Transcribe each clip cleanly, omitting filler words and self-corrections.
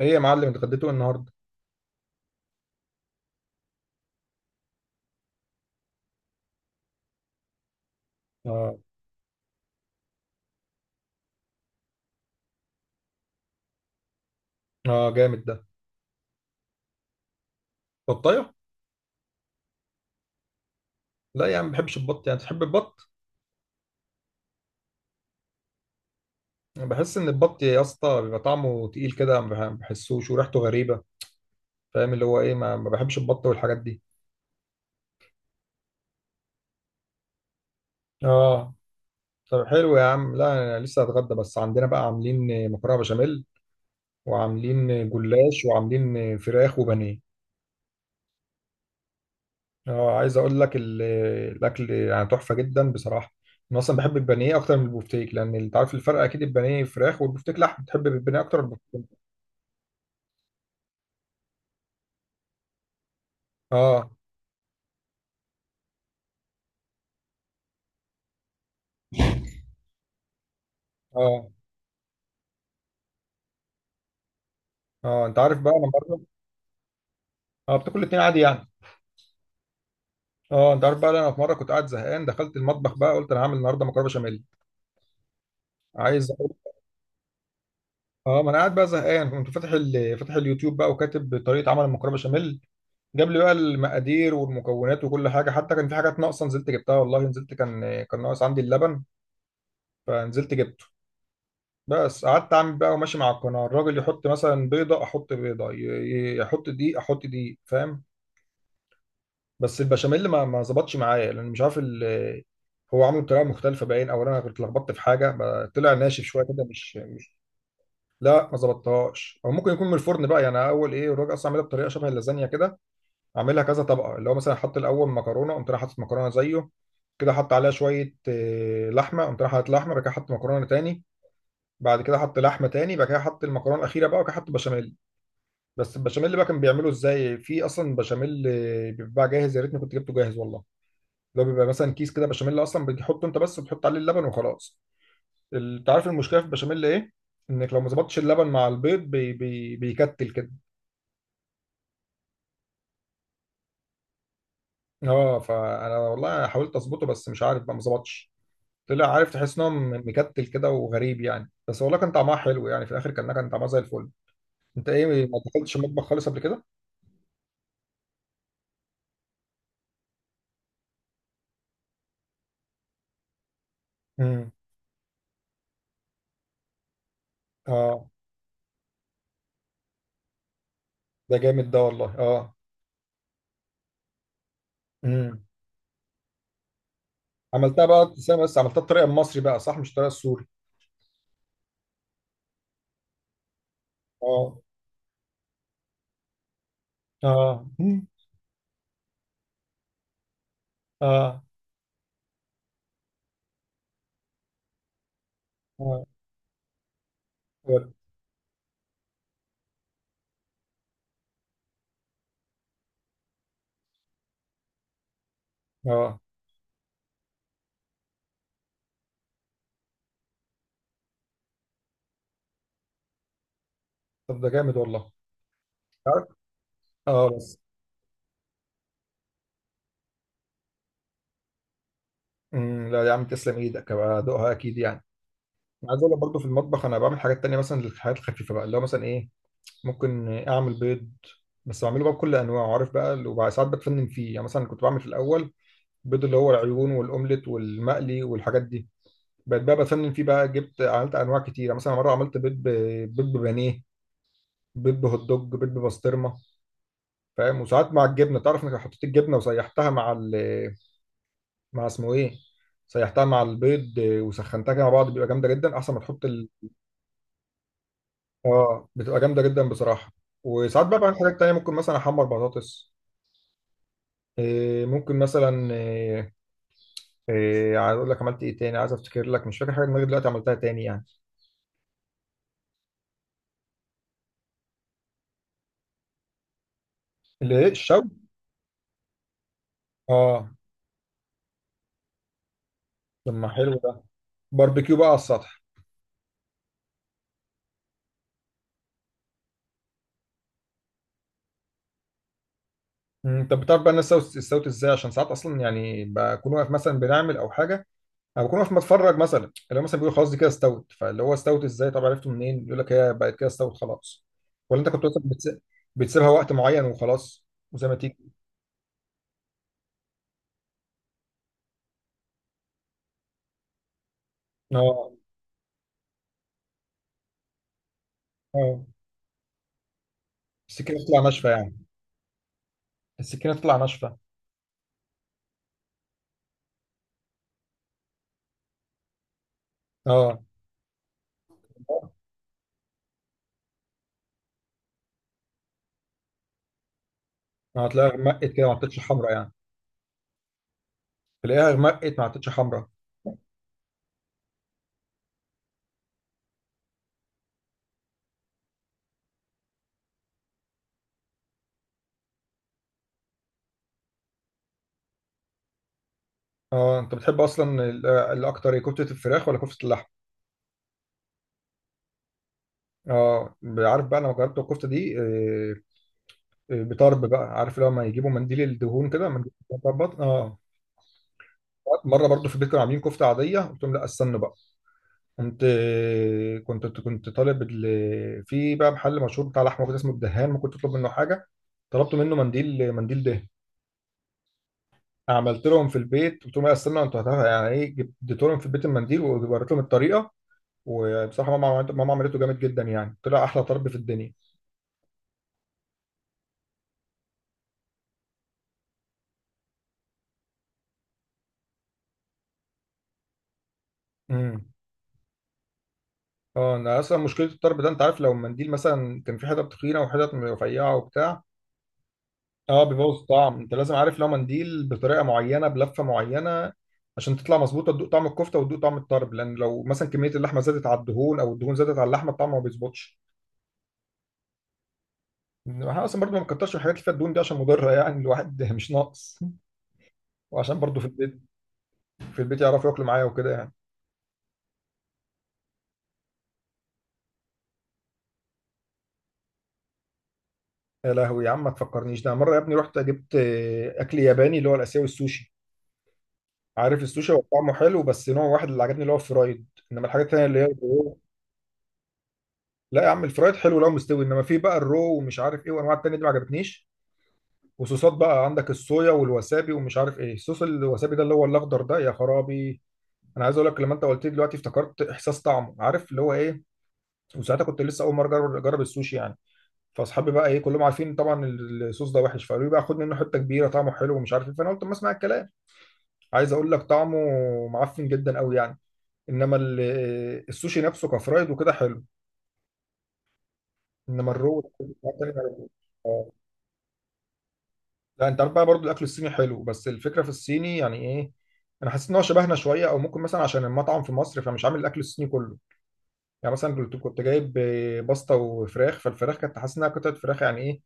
ايه يا معلم، اتغديتوا إيه النهارده؟ اه. اه، جامد ده. بطايه. لا يا عم، ما بحبش البط، يعني تحب البط؟ أنا بحس ان البط يا اسطى بيبقى طعمه تقيل كده، ما بحسوش وريحته غريبه. فاهم اللي هو ايه، ما بحبش البط والحاجات دي. اه. طب حلو يا عم، لا أنا لسه هتغدى، بس عندنا بقى عاملين مكرونه بشاميل وعاملين جلاش وعاملين فراخ وبانيه. اه، عايز اقول لك الاكل يعني تحفه جدا بصراحه. انا اصلا بحب البانيه اكتر من البوفتيك، لان انت عارف الفرق اكيد، البانيه فراخ والبوفتيك لحم، بتحب البانيه اكتر؟ اه، اه. اه، انت عارف بقى انا مره. اه، بتاكل الاتنين عادي يعني. اه، انت عارف بقى انا في مره كنت قاعد زهقان، دخلت المطبخ بقى، قلت انا هعمل النهارده مكرونه بشاميل. عايز أقول- اه، ما انا قاعد بقى زهقان، كنت فاتح فاتح اليوتيوب بقى وكاتب طريقه عمل المكرونه بشاميل. جاب لي بقى المقادير والمكونات وكل حاجه، حتى كان في حاجات ناقصه نزلت جبتها والله، نزلت، كان ناقص عندي اللبن. فنزلت جبته. بس قعدت اعمل بقى وماشي مع القناه، الراجل يحط مثلا بيضه احط بيضه، يحط دقيق احط دقيق، فاهم. بس البشاميل ما ظبطش معايا، لان مش عارف هو عامله بطريقه مختلفه باين، او انا كنت لخبطت في حاجه بقى، طلع ناشف شويه كده مش مش لا ما ظبطتهاش، او ممكن يكون من الفرن بقى، يعني أنا اول ايه، الراجل اصلا عاملها بطريقه شبه اللازانيا كده. عاملها كذا طبقه، اللي هو مثلا حط الاول مكرونه، قمت رايح حاطط مكرونه زيه كده، حط عليها شويه لحمه، قمت رايح حاطط لحمه، بعد كده حط مكرونه تاني. بعد كده حط لحمه تاني، بعد كده حط المكرونه الاخيره بقى، وبعد كده حط بشاميل. بس البشاميل بقى كان بيعمله ازاي، في اصلا بشاميل بيتباع جاهز، يا ريتني كنت جبته جاهز والله. اللي هو بيبقى مثلا كيس كده بشاميل اصلا، بتحطه انت بس وبتحط عليه اللبن وخلاص. انت عارف المشكله في البشاميل ايه؟ انك لو ما ظبطتش اللبن مع البيض، بي بي بيكتل كده. اه، فانا والله حاولت اظبطه، بس مش عارف بقى، ما ظبطش. طلع عارف، تحس ان هو مكتل كده وغريب يعني، بس والله كان طعمها حلو يعني في الاخر، كان طعمها زي الفل. انت ايه، ما دخلتش المطبخ خالص قبل كده؟ امم. اه، ده جامد ده والله، اه. امم. عملتها بقى ابتسامة، بس عملتها الطريقه المصري بقى صح، مش الطريقه السوري. اه، اه، مم. اه، اه. اه، طب ده جامد والله. عارف؟ اه، بس. امم، لا يا عم، تسلم ايدك، هبقى ادوقها اكيد يعني. أنا عايز اقول لك برضه في المطبخ انا بعمل حاجات تانية، مثلا للحاجات الخفيفه بقى، اللي هو مثلا ايه. ممكن اعمل بيض. بس بعمله بقى بكل انواعه، عارف بقى وبعد ساعات بتفنن فيه يعني، مثلا كنت بعمل في الاول بيض اللي هو العيون والاومليت والمقلي والحاجات دي. بقيت بقى بتفنن فيه بقى، جبت عملت انواع كتيره، مثلا مره عملت بيض بيض ببانيه. بيض بهوت دوج، بيض ببسطرمه. فاهم، وساعات مع الجبنه، تعرف انك لو حطيت الجبنه وسيحتها مع مع اسمه ايه، سيحتها مع البيض وسخنتها كده مع بعض بيبقى جامده جدا، احسن ما تحط اه، بتبقى جامده جدا بصراحه. وساعات بقى بعمل حاجات تانية، ممكن مثلا احمر بطاطس. ممكن مثلا. عايز اقول لك عملت ايه تاني، عايز افتكر لك، مش فاكر حاجه دماغي دلوقتي عملتها تاني يعني. اللي ايه، الشوي؟ اه، طب ما حلو ده. باربيكيو بقى على السطح. طب بتعرف بقى الناس استوت استوت ازاي، عشان ساعات اصلا يعني بكون واقف مثلا بنعمل او حاجه. انا بكون واقف بتفرج، مثلا اللي هو مثلا بيقول خلاص دي كده استوت، فاللي هو استوت ازاي، طب عرفته منين؟ يقول لك هي بقت كده استوت خلاص. ولا انت كنت مثلا بتسيبها وقت معين وخلاص. وزي ما تيجي. اه، اه، السكينه تطلع ناشفه يعني؟ السكينه تطلع ناشفه. اه، اه، هتلاقيها غمقت كده، ما عطتش حمرا يعني. تلاقيها غمقت ما عطتش حمرا. اه، انت بتحب اصلا الاكتر إيه، كفته الفراخ ولا كفته اللحم؟ اه، عارف بقى انا جربت الكفته دي. بطرب بقى، عارف لما يجيبوا منديل الدهون كده، منديل الدهون بتاع البطن اه. مره برضو في البيت كانوا عاملين كفته عاديه، قلت لهم لا استنوا بقى. قمت. كنت طالب في بقى محل مشهور بتاع لحمه كده اسمه الدهان، ممكن تطلب منه حاجه. طلبت منه منديل، منديل دهان. عملت لهم في البيت، قلت لهم لا استنوا، انتوا هتعرفوا يعني ايه، اديت لهم في البيت المنديل ووريت لهم الطريقه. وبصراحه ماما عملته جامد جدا يعني، طلع احلى طرب في الدنيا. امم. اه، انا اصلا مشكله الطرب ده، انت عارف لو المنديل مثلا كان في حتت تخينه وحتت رفيعه وبتاع. اه، بيبوظ الطعم، انت لازم عارف لو منديل بطريقه معينه بلفه معينه. عشان تطلع مظبوطه، تدوق طعم الكفته وتدوق طعم الطرب، لان لو مثلا كميه اللحمه زادت على الدهون او الدهون زادت على اللحمه، الطعم ما بيظبطش. احنا اصلا برضو ما نكترش من الحاجات اللي فيها الدهون دي، عشان مضره يعني الواحد مش ناقص. وعشان برضو في البيت، في البيت يعرفوا ياكلوا معايا وكده يعني. يا لهوي يا عم، ما تفكرنيش، ده مره يا ابني رحت جبت اكل ياباني اللي هو الاسيوي، السوشي. عارف السوشي، هو طعمه حلو بس نوع واحد اللي عجبني اللي هو الفرايد. انما الحاجات التانيه اللي هي. لا يا عم، الفرايد حلو لو مستوي، انما في بقى الرو ومش عارف ايه، وانواع التانية دي ما عجبتنيش. وصوصات بقى عندك الصويا والوسابي ومش عارف ايه، صوص الوسابي ده اللي هو الاخضر ده يا خرابي. انا عايز اقول لك، لما انت قلت لي دلوقتي افتكرت احساس طعمه، عارف اللي هو ايه. وساعتها كنت لسه اول مره أجرب السوشي يعني. فاصحابي بقى ايه، كلهم عارفين طبعا. الصوص ده وحش، فقالوا لي بقى خد منه حته كبيره طعمه حلو ومش عارف ايه، فانا قلت ما اسمع الكلام. عايز اقول لك طعمه معفن جدا قوي يعني. انما السوشي نفسه كفرايد وكده حلو. انما الرو والحاجات التانية ما عجبتنيش. آه. لا، انت عارف بقى برضو الاكل الصيني حلو، بس الفكره في الصيني يعني ايه. انا حسيت ان هو شبهنا شويه، او ممكن مثلا عشان المطعم في مصر، فمش عامل الاكل الصيني كله. يعني مثلا كنت جايب باستا وفراخ، فالفراخ كانت حاسس انها قطعه فراخ يعني ايه.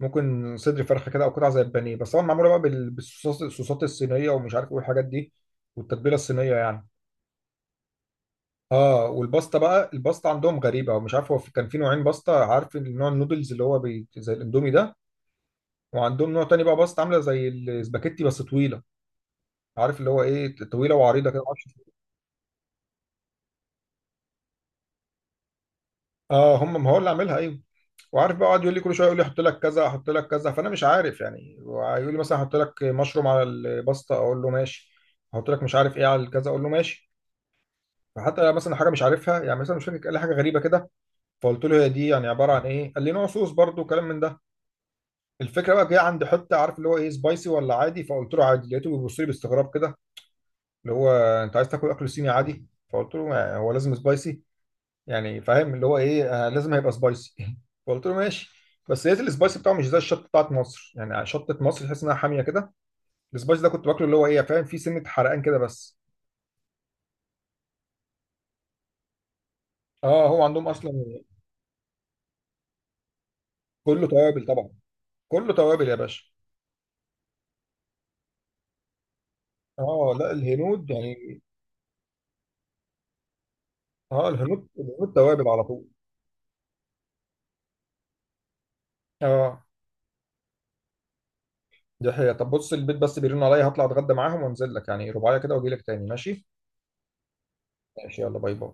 ممكن صدر فرخه كده، او قطعه زي البانيه بس طبعا معموله بقى بالصوصات الصينيه ومش عارف ايه الحاجات دي. والتتبيله الصينيه يعني. اه، والباستا بقى، الباستا عندهم غريبه، ومش عارف هو كان في نوعين باستا، عارف النوع النودلز اللي هو زي الاندومي ده. وعندهم نوع تاني بقى، باستا عامله زي الاسباجيتي بس طويله. عارف اللي هو ايه، طويله وعريضه كده معرفش. اه هم، ما هو اللي عاملها ايوه. وعارف بقى قعد يقول لي كل شويه، يقول لي احط لك كذا احط لك كذا، فانا مش عارف يعني، ويقول لي مثلا احط لك مشروم على الباستا اقول له ماشي. احط لك مش عارف ايه على الكذا اقول له ماشي. فحتى مثلا حاجه مش عارفها يعني، مثلا مش فاكر، قال لي حاجه غريبه كده. فقلت له هي دي يعني عباره عن ايه، قال لي نوع صوص برضو كلام من ده. الفكره بقى جايه عند حته عارف اللي هو ايه، سبايسي ولا عادي، فقلت له عادي، لقيته بيبص لي باستغراب كده. اللي هو، انت عايز تاكل اكل صيني عادي؟ فقلت له ما هو لازم سبايسي. يعني فاهم اللي هو ايه لازم هيبقى سبايسي فقلت له ماشي. بس لقيت السبايسي بتاعه مش زي الشطه بتاعت مصر، يعني شطه مصر تحس انها حاميه كده. السبايسي ده كنت باكله اللي هو ايه فاهم، فيه سنه حرقان كده بس. اه، هو عندهم اصلا كله توابل طبعا. كله توابل يا باشا. اه، لا الهنود يعني. اه، الهنود الهنود توابل على طول. اه. دي حقيقة، طب بص البيت بس بيرن عليا، هطلع اتغدى معاهم وانزل لك يعني رباعية كده واجي لك تاني ماشي. ماشي، يلا باي باي.